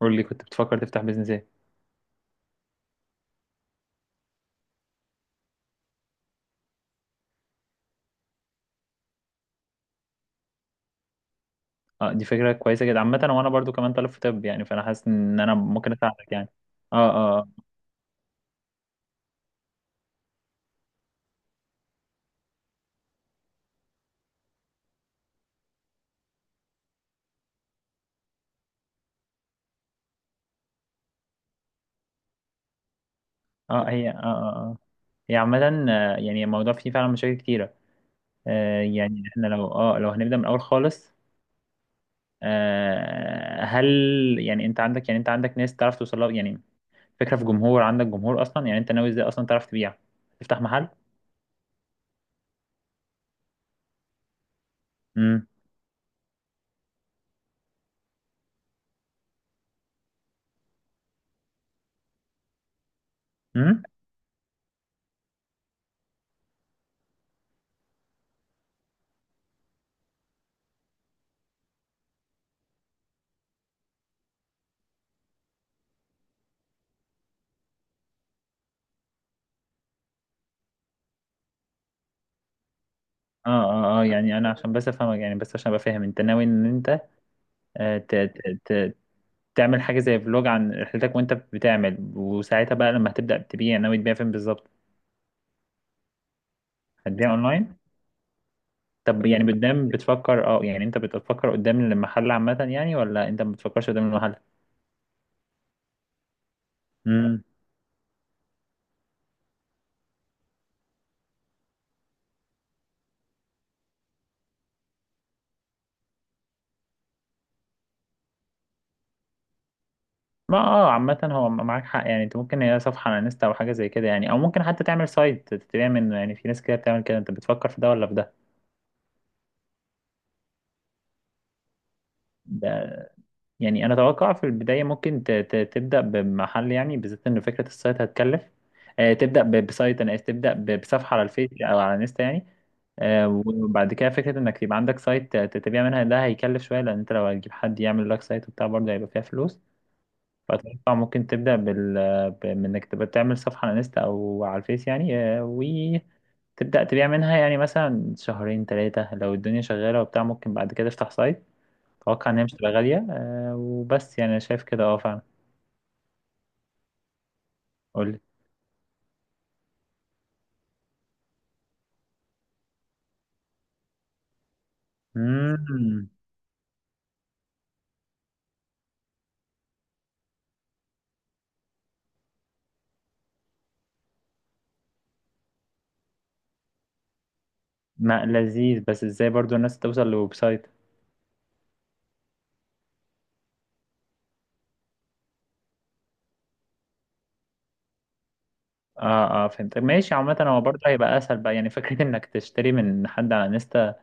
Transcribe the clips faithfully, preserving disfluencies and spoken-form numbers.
قول لي، كنت بتفكر تفتح بيزنس ايه؟ اه، دي فكره كويسه جدا عامه، وانا برضو كمان طالب في طب، يعني فانا حاسس ان انا ممكن اساعدك يعني. اه، اه، اه، آه، هي، اه، اه، آه. هي عامه. آه، يعني الموضوع فيه فعلا مشاكل كتيره. آه يعني احنا لو اه لو هنبدا من الاول خالص. آه هل يعني انت عندك، يعني انت عندك ناس تعرف توصل لها، يعني فكره في جمهور، عندك جمهور اصلا؟ يعني انت ناوي ازاي اصلا تعرف تبيع، تفتح محل؟ امم. امم. اه، اه، اه، يعني انا عشان بس افهمك، يعني بس عشان ابقى فاهم، انت ناوي ان انت آه، ت- ت- ت- تعمل حاجة زي فلوج عن رحلتك وانت بتعمل، وساعتها بقى لما هتبدأ تبيع ناوي تبيع فين بالظبط؟ هتبيع اونلاين؟ طب يعني قدام بتفكر، اه يعني انت بتفكر قدام المحل عامة يعني، ولا انت ما بتفكرش قدام المحل؟ امم. ما، اه عامة هو معاك حق، يعني انت ممكن هي صفحة على انستا او حاجة زي كده يعني، او ممكن حتى تعمل سايت تبيع منه يعني، في ناس كده بتعمل كده، انت بتفكر في ده ولا في ده؟ ده، يعني انا اتوقع في البدايه ممكن ت- ت- تبدا بمحل، يعني بالذات ان فكره السايت هتكلف. آه، تبدا ب- بسايت، انا آسف، تبدا ب- بصفحه على الفيس او على انستا يعني. آه، وبعد كده فكره انك يبقى عندك سايت ت- تبيع منها، ده هيكلف شويه، لان انت لو هتجيب حد يعمل لك سايت وبتاع برضه هيبقى فيها فلوس. فاتوقع ممكن تبدا بال ب- من انك تبقى تعمل صفحه على انستا او على الفيس، يعني آه، وتبدا تبيع منها، يعني مثلا شهرين ثلاثه لو الدنيا شغاله وبتاع ممكن بعد كده تفتح سايت. اتوقع ان هي مش تبقى غاليه، آه وبس، يعني انا شايف كده، اه، فعلا. قول لي. امم. ما لذيذ، بس ازاي برضو الناس توصل لويب سايت؟ اه، اه، فهمت، ماشي. عامة هو برضه هيبقى اسهل بقى، يعني فكرة انك تشتري من حد على انستا.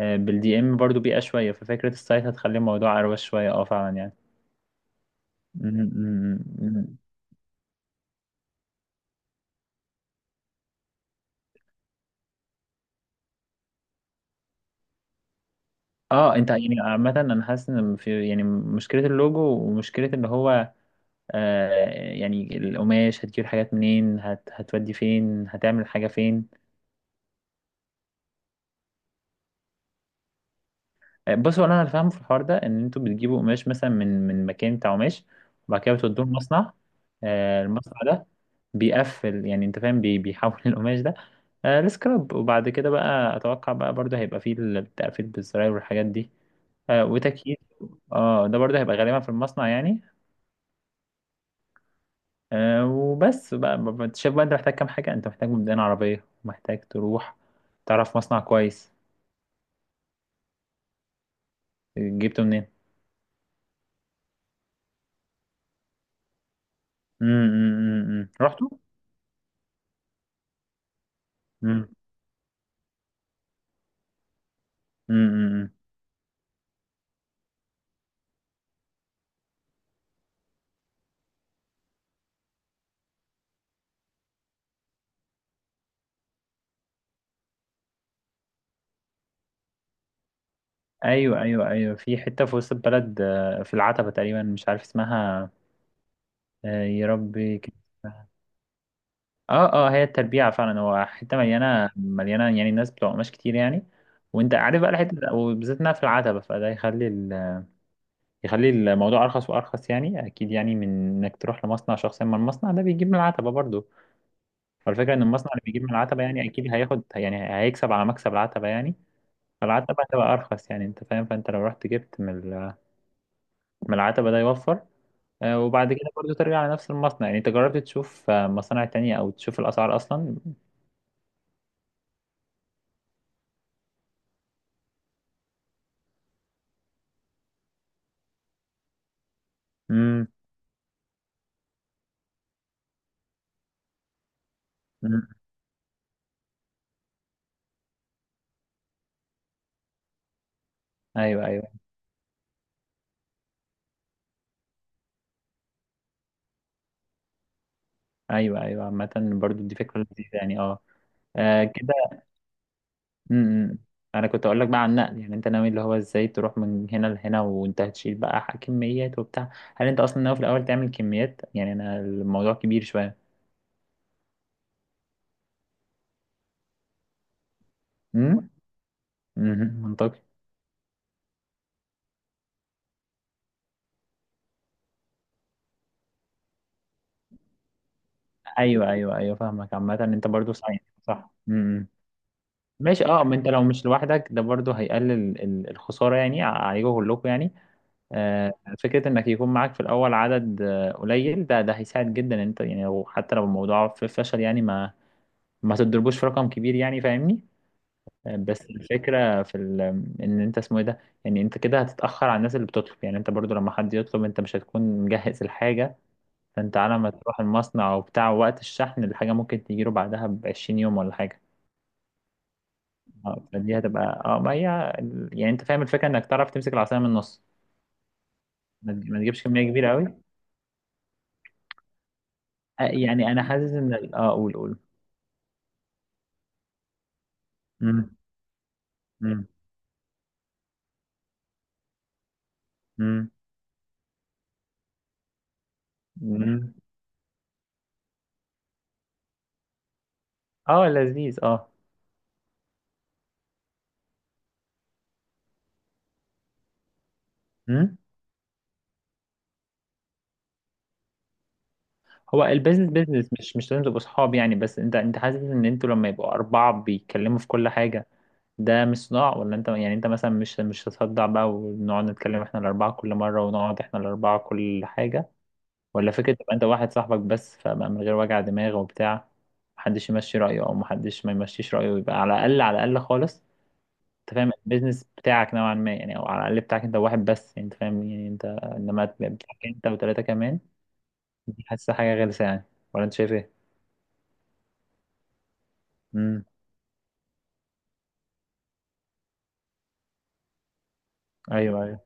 آه، بالدي ام برضه بيئة شوية، ففكرة السايت هتخلي الموضوع اروش شوية، اه، فعلا يعني. مم. مم. مم. اه، انت يعني عامة انا حاسس ان في يعني مشكلة اللوجو، ومشكلة ان هو آه يعني القماش هتجيب الحاجات منين، هت هتودي فين، هتعمل حاجة فين؟ بصوا، انا اللي فاهمه في الحوار ده ان انتوا بتجيبوا قماش مثلا من من مكان بتاع قماش، وبعد كده بتودوه المصنع. آه، المصنع ده بيقفل، يعني انت فاهم، بي- بيحول القماش ده آه، لسكراب، وبعد كده بقى اتوقع بقى برضه هيبقى فيه التقفيل بالزراير والحاجات دي آه، وتكييف. اه، ده برضه هيبقى غالبا في المصنع يعني. آه، وبس بقى، ب- ب- انت شايف بقى انت محتاج كام حاجه؟ انت محتاج مبدئيا عربيه، محتاج تروح تعرف مصنع كويس. جبته منين؟ امم. امم، امم، امم. رحتوا؟ امم. امم، امم، امم. ايوه، ايوه، ايوه، في حته في وسط البلد آه، في العتبه تقريبا، مش عارف اسمها. آه، يا ربي، كان اسمها. اه، اه، هي التربيع فعلا، هو حته مليانه مليانه يعني، الناس بتوع قماش كتير يعني. وانت عارف بقى الحته، وبالذات انها في العتبه، فده يخلي ال... يخلي الموضوع ارخص وارخص، يعني اكيد يعني، من انك تروح لمصنع شخصيا، ما المصنع ده بيجيب من العتبه برضه. فالفكره ان المصنع اللي بيجيب من العتبه يعني اكيد هياخد، يعني هيكسب على مكسب العتبه يعني. فالعتبه هتبقى ارخص، يعني انت فاهم، فانت لو رحت جبت من ال- من العتبه ده يوفر. آه، وبعد كده برضو ترجع على نفس المصنع، يعني انت جربت تشوف آه، مصانع تانية، او تشوف الاسعار اصلا؟ امم. أمم. ايوه، ايوه، ايوه. ايوه، عامة برضو دي فكرة لذيذة يعني، اه. آه، كده. امم. انا كنت اقول لك بقى عن النقل، يعني انت ناوي اللي هو ازاي تروح من هنا لهنا وانت هتشيل بقى، ح- كميات وبتاع؟ هل انت اصلا ناوي في الاول تعمل كميات؟ يعني انا الموضوع كبير شوية. امم. أمم، منطقي. ايوه، ايوه، ايوه فاهمك، عامة انت برضو ساينس. صح. امم. ماشي، اه ما انت لو مش لوحدك ده برضه هيقلل ال- الخسارة يعني عليكم كلكم يعني. آه، فكرة انك يكون معاك في الاول عدد آه، قليل، ده ده هيساعد جدا إن انت يعني، لو- حتى لو الموضوع في فشل، يعني ما ما تضربوش في رقم كبير، يعني فاهمني. آه، بس الفكرة في ال... ان انت اسمه ايه ده، يعني انت كده هتتأخر على الناس اللي بتطلب، يعني انت برضه لما حد يطلب انت مش هتكون مجهز الحاجة. فانت على ما تروح المصنع وبتاع وقت الشحن، الحاجة ممكن تجيله بعدها ب عشرين يوم ولا حاجة. اه، فدي هتبقى، اه ما هي، يعني انت فاهم الفكره انك تعرف تمسك العصايه من النص. ما تج- ما تجيبش كميه كبيره قوي. آه، يعني انا حاسس ان ال- اه قول قول. امم. امم. امم. امم. اه، لذيذ، اه. امم. هو البيزنس بيزنس، مش مش لازم تبقوا صحاب، يعني بس انت انت حاسس ان انتوا لما يبقوا اربعه بيتكلموا في كل حاجه، ده مش صداع؟ ولا انت يعني انت مثلا مش مش هتصدع بقى ونقعد نتكلم احنا الاربعه كل مره ونقعد احنا الاربعه كل حاجه، ولا فكرة تبقى انت واحد صاحبك بس، فبقى من غير وجع دماغ وبتاع، محدش يمشي رأيه او محدش ما يمشيش رأيه، يبقى على الأقل على الأقل خالص انت فاهم البيزنس بتاعك نوعا ما يعني، او على الأقل بتاعك انت واحد بس، يعني انت فاهم، يعني انت انما تبقى بتاعك انت وثلاثة كمان. دي حاسة حاجة غلسة يعني، ولا انت شايف ايه؟ امم. ايوه، ايوه.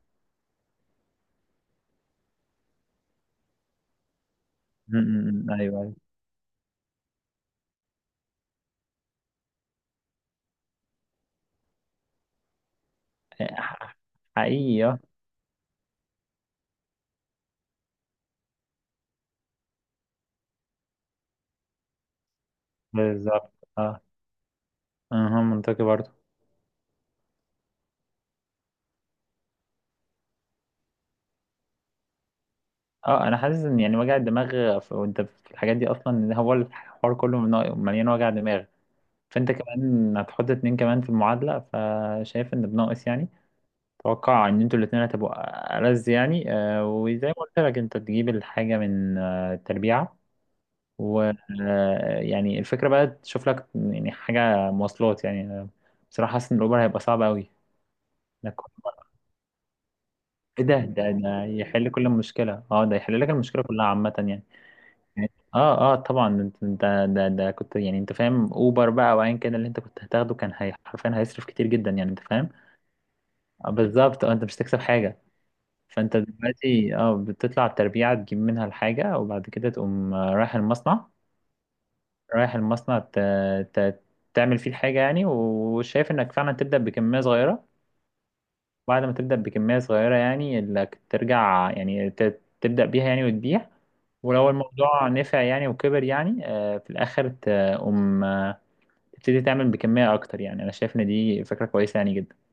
امم. أمم، ايوه. ايوه، حقيقي، اه. بالظبط، اه. اها، منطقي برضه. اه، انا حاسس ان يعني وجع الدماغ في- وانت في الحاجات دي اصلا، ان هو الحوار كله من- مليان وجع دماغ. فانت كمان هتحط اتنين كمان في المعادلة، فشايف ان بناقص يعني. اتوقع ان انتوا الاتنين هتبقوا ألذ يعني، آه، وزي ما قلت لك انت تجيب الحاجة من آه، التربيعة، و آه، يعني الفكرة بقى تشوف لك يعني حاجة مواصلات، يعني أنا بصراحة حاسس ان الاوبر هيبقى صعب قوي. إنك- ايه ده، ده ده يحل كل المشكلة، اه، ده يحل لك المشكلة كلها عامة يعني. اه، اه، طبعا، انت انت- ده ده كنت، يعني انت فاهم اوبر بقى، وايا كان اللي انت كنت هتاخده كان، هي حرفيا هيصرف كتير جدا، يعني انت فاهم. آه، بالظبط، اه، انت مش هتكسب حاجة. فانت دلوقتي اه بتطلع التربيعة، تجيب منها الحاجة، وبعد كده تقوم آه، رايح المصنع رايح المصنع ت... ت... تعمل فيه الحاجة، يعني وشايف انك فعلا تبدأ بكمية صغيرة. بعد ما تبدأ بكمية صغيرة، يعني انك ترجع، يعني ت... تبدأ بيها، يعني وتبيع. ولو الموضوع نفع يعني وكبر يعني، آه، في الآخر تقوم آه، تبتدي تعمل بكمية أكتر، يعني أنا شايف إن دي فكرة كويسة يعني جدا.